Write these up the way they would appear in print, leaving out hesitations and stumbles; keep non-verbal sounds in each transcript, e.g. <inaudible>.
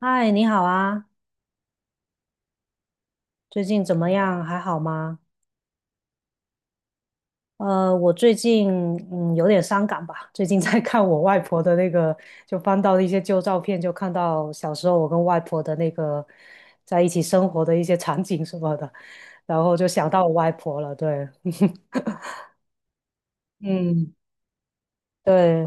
嗨，你好啊，最近怎么样？还好吗？我最近有点伤感吧，最近在看我外婆的那个，就翻到一些旧照片，就看到小时候我跟外婆的那个在一起生活的一些场景什么的，然后就想到我外婆了，对，<laughs> 嗯。对，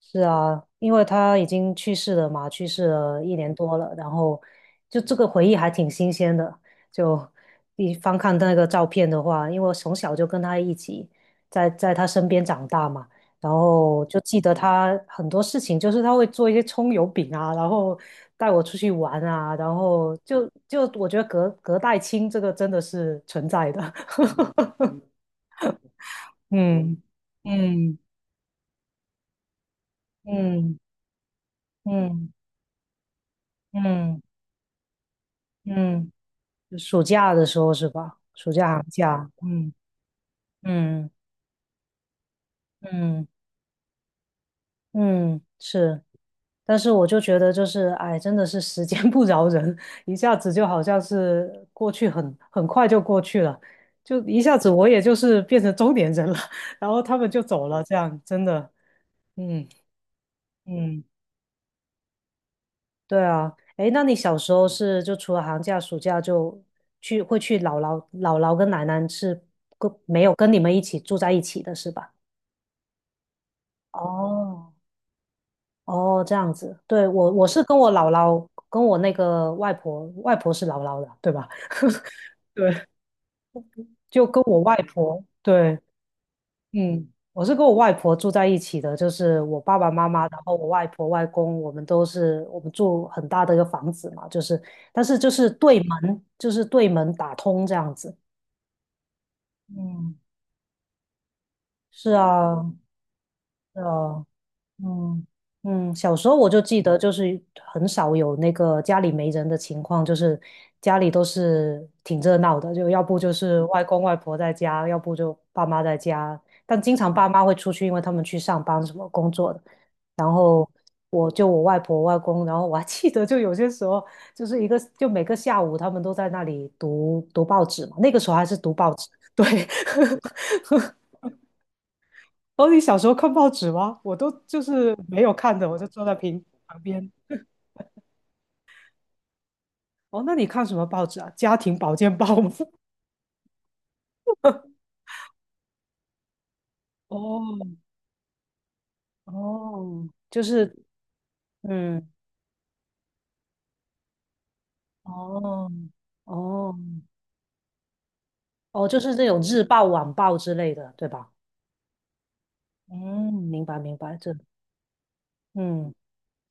是啊，因为他已经去世了嘛，去世了一年多了，然后就这个回忆还挺新鲜的。就一翻看那个照片的话，因为我从小就跟他一起在他身边长大嘛，然后就记得他很多事情，就是他会做一些葱油饼啊，然后带我出去玩啊，然后我觉得隔代亲这个真的是存在的，<laughs> 嗯嗯嗯嗯嗯嗯。嗯暑假的时候是吧？暑假寒假，嗯嗯嗯嗯，是。但是我就觉得，就是哎，真的是时间不饶人，<laughs> 一下子就好像是过去很快就过去了，就一下子我也就是变成中年人了，<laughs> 然后他们就走了，这样真的，嗯嗯，对啊。哎，那你小时候是就除了寒假、暑假就去会去姥姥跟奶奶是跟没有跟你们一起住在一起的是吧？哦，哦，这样子，对，我是跟我姥姥，跟我那个外婆，外婆是姥姥的，对吧？<laughs> 对，就跟我外婆，对，嗯，我是跟我外婆住在一起的，就是我爸爸妈妈，然后我外婆外公，我们都是我们住很大的一个房子嘛，就是，但是就是对门，就是对门打通这样子。嗯，是啊，是啊，嗯嗯，小时候我就记得，就是很少有那个家里没人的情况，就是家里都是挺热闹的，就要不就是外公外婆在家，要不就爸妈在家，但经常爸妈会出去，因为他们去上班什么工作的。然后我就我外婆外公，然后我还记得，就有些时候就是一个就每个下午他们都在那里读报纸嘛，那个时候还是读报纸，对，<laughs> 哦，你小时候看报纸吗？我都就是没有看的，我就坐在屏旁边。哦，那你看什么报纸啊？家庭保健报吗？<laughs> 哦哦，就是嗯，哦哦哦，就是那种日报、晚报之类的，对吧？嗯，明白明白，这嗯。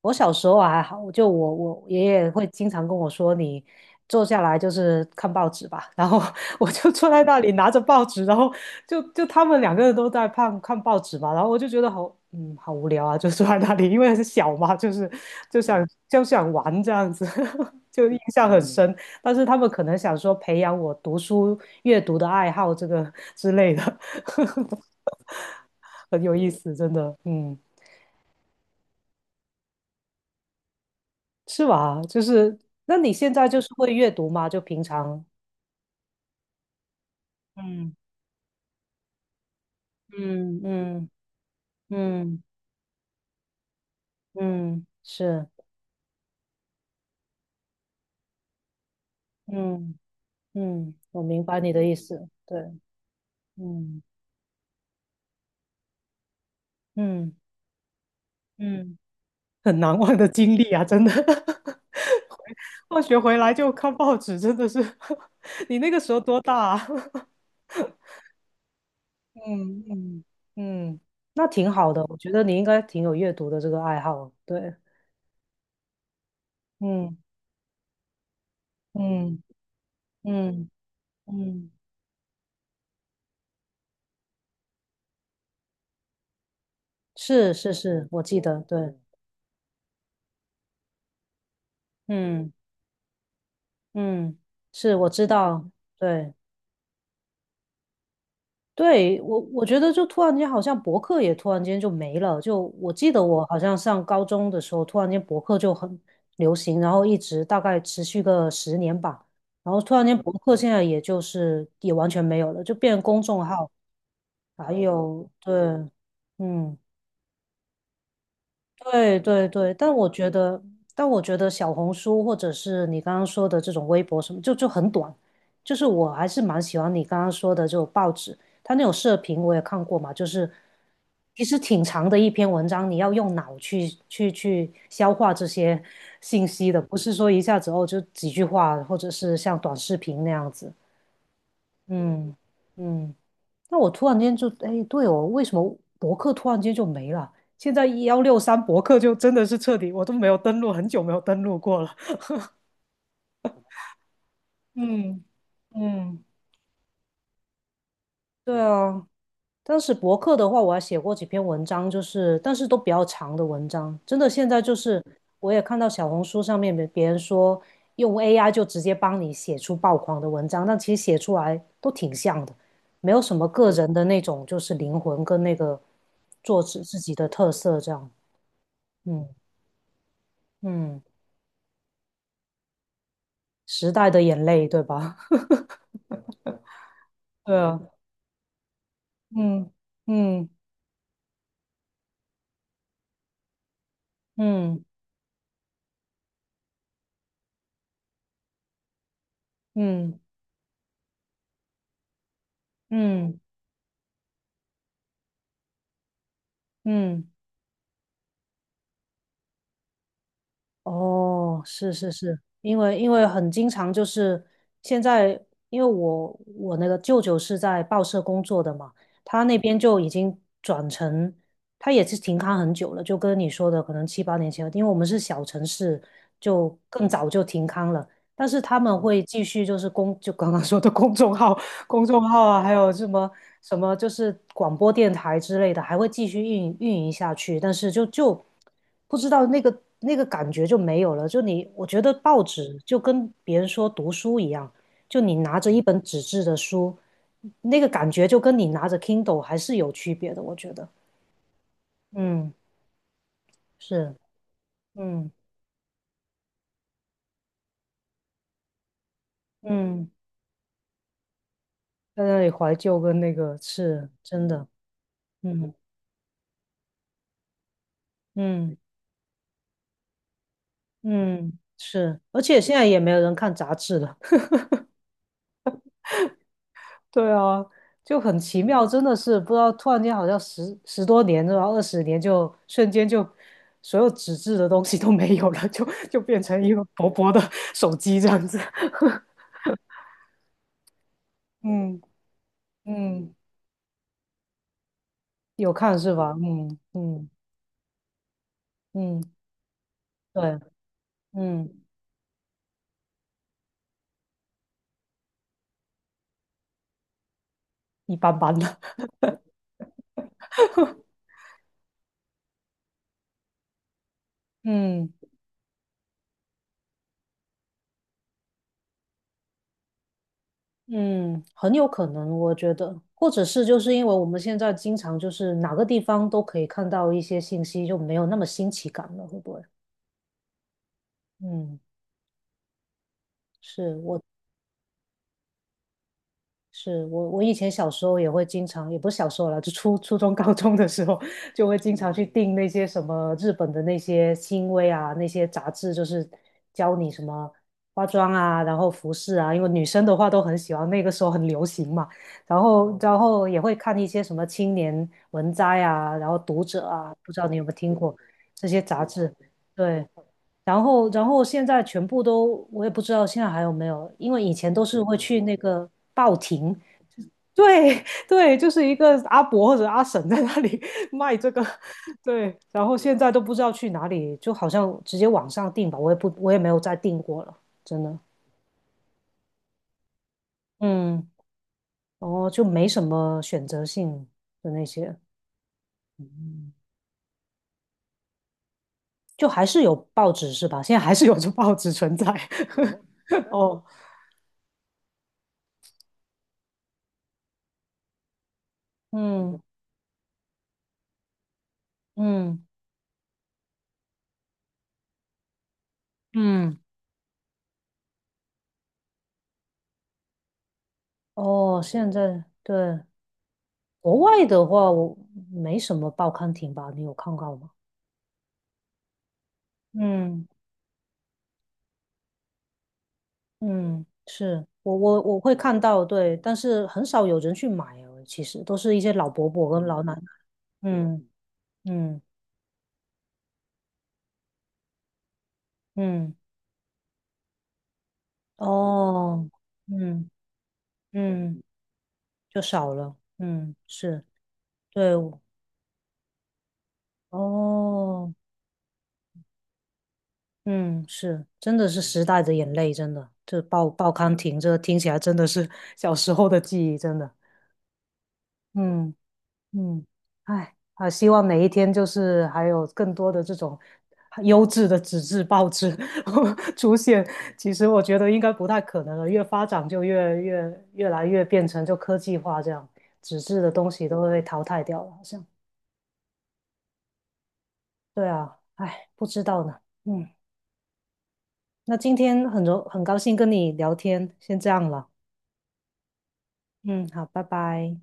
我小时候还好，就我爷爷会经常跟我说，你坐下来就是看报纸吧。然后 <laughs> 我就坐在那里拿着报纸，然后他们两个人都在看看报纸嘛，然后我就觉得好好无聊啊，就坐在那里，因为是小嘛，就是就想玩这样子，<laughs> 就印象很深。嗯但是他们可能想说培养我读书阅读的爱好这个之类的，<laughs> 很有意思，真的，嗯。是吧？就是，那你现在就是会阅读吗？就平常，嗯嗯嗯嗯嗯，是，嗯嗯，我明白你的意思，对，嗯嗯嗯，很难忘的经历啊，真的。<laughs> 回放学回来就看报纸，真的是。<laughs> 你那个时候多大啊？<laughs> 嗯嗯嗯，那挺好的，我觉得你应该挺有阅读的这个爱好，对，嗯嗯嗯。嗯，是是是，我记得，对，嗯嗯，是我知道，对，对，我觉得就突然间好像博客也突然间就没了，就我记得我好像上高中的时候，突然间博客就很流行，然后一直大概持续个十年吧，然后突然间博客现在也就是也完全没有了，就变成公众号，还有对，嗯。对对对，但我觉得，但我觉得小红书或者是你刚刚说的这种微博什么，就很短。就是我还是蛮喜欢你刚刚说的这种报纸，它那种社评我也看过嘛，就是其实挺长的一篇文章，你要用脑去消化这些 <laughs> 信息的，不是说一下子哦就几句话，或者是像短视频那样子。嗯嗯。那我突然间就，哎，对哦，为什么博客突然间就没了？现在163博客就真的是彻底，我都没有登录，很久没有登录过了。嗯嗯对啊，当时博客的话，我还写过几篇文章，就是但是都比较长的文章。真的，现在就是我也看到小红书上面别人说用 AI 就直接帮你写出爆款的文章，但其实写出来都挺像的，没有什么个人的那种就是灵魂跟那个作者自己的特色这样。嗯嗯，时代的眼泪，对吧？<laughs> 对啊，嗯嗯嗯嗯嗯嗯，哦，是是是，因为很经常就是现在，因为我那个舅舅是在报社工作的嘛，他那边就已经转成，他也是停刊很久了，就跟你说的可能7、8年前，因为我们是小城市，就更早就停刊了。但是他们会继续就是公，就刚刚说的公众号啊，还有什么就是广播电台之类的，还会继续运营下去。但是不知道那个感觉就没有了。就你，我觉得报纸就跟别人说读书一样，就你拿着一本纸质的书，那个感觉就跟你拿着 Kindle 还是有区别的。我觉得，嗯，是，嗯嗯，在那里怀旧跟那个是真的，嗯嗯。嗯，是，而且现在也没有人看杂志了。<laughs> 对啊，就很奇妙，真的是不知道，突然间好像十多年，然后20年就瞬间就所有纸质的东西都没有了，就变成一个薄薄的 <laughs> 手机这样子。<laughs> 嗯嗯，有看是吧？嗯嗯嗯，对，嗯，一般般的。<laughs> 嗯。嗯，很有可能，我觉得，或者是就是因为我们现在经常就是哪个地方都可以看到一些信息，就没有那么新奇感了，会不会？嗯，是我是我，我以前小时候也会经常，也不是小时候了，就初中、高中的时候，就会经常去订那些什么日本的那些新威啊，那些杂志，就是教你什么化妆啊，然后服饰啊，因为女生的话都很喜欢，那个时候很流行嘛。然后，然后也会看一些什么青年文摘啊，然后读者啊，不知道你有没有听过这些杂志？对。然后，然后现在全部都，我也不知道现在还有没有，因为以前都是会去那个报亭，对 <laughs> 对，就是一个阿伯或者阿婶在那里 <laughs> 卖这个，对，然后现在都不知道去哪里，就好像直接网上订吧，我也不，我也没有再订过了，真的，嗯，哦，就没什么选择性的那些，就还是有报纸是吧？现在还是有这报纸存在，<laughs> 哦，嗯嗯嗯，哦，现在对国外的话，我没什么报刊亭吧？你有看到吗？嗯。嗯，是我会看到，对，但是很少有人去买哦，其实都是一些老伯伯跟老奶奶。嗯嗯嗯，哦，嗯嗯，就少了。嗯，是，对，哦，嗯，是，真的是时代的眼泪，真的，这报刊亭，这听起来真的是小时候的记忆，真的。嗯。嗯，哎，啊，希望每一天就是还有更多的这种优质的纸质报纸 <laughs> 出现。其实我觉得应该不太可能了，越发展就越来越变成就科技化这样，纸质的东西都会被淘汰掉了，好像。对啊，哎，不知道呢。嗯，那今天很高兴跟你聊天，先这样了。嗯，好，拜拜。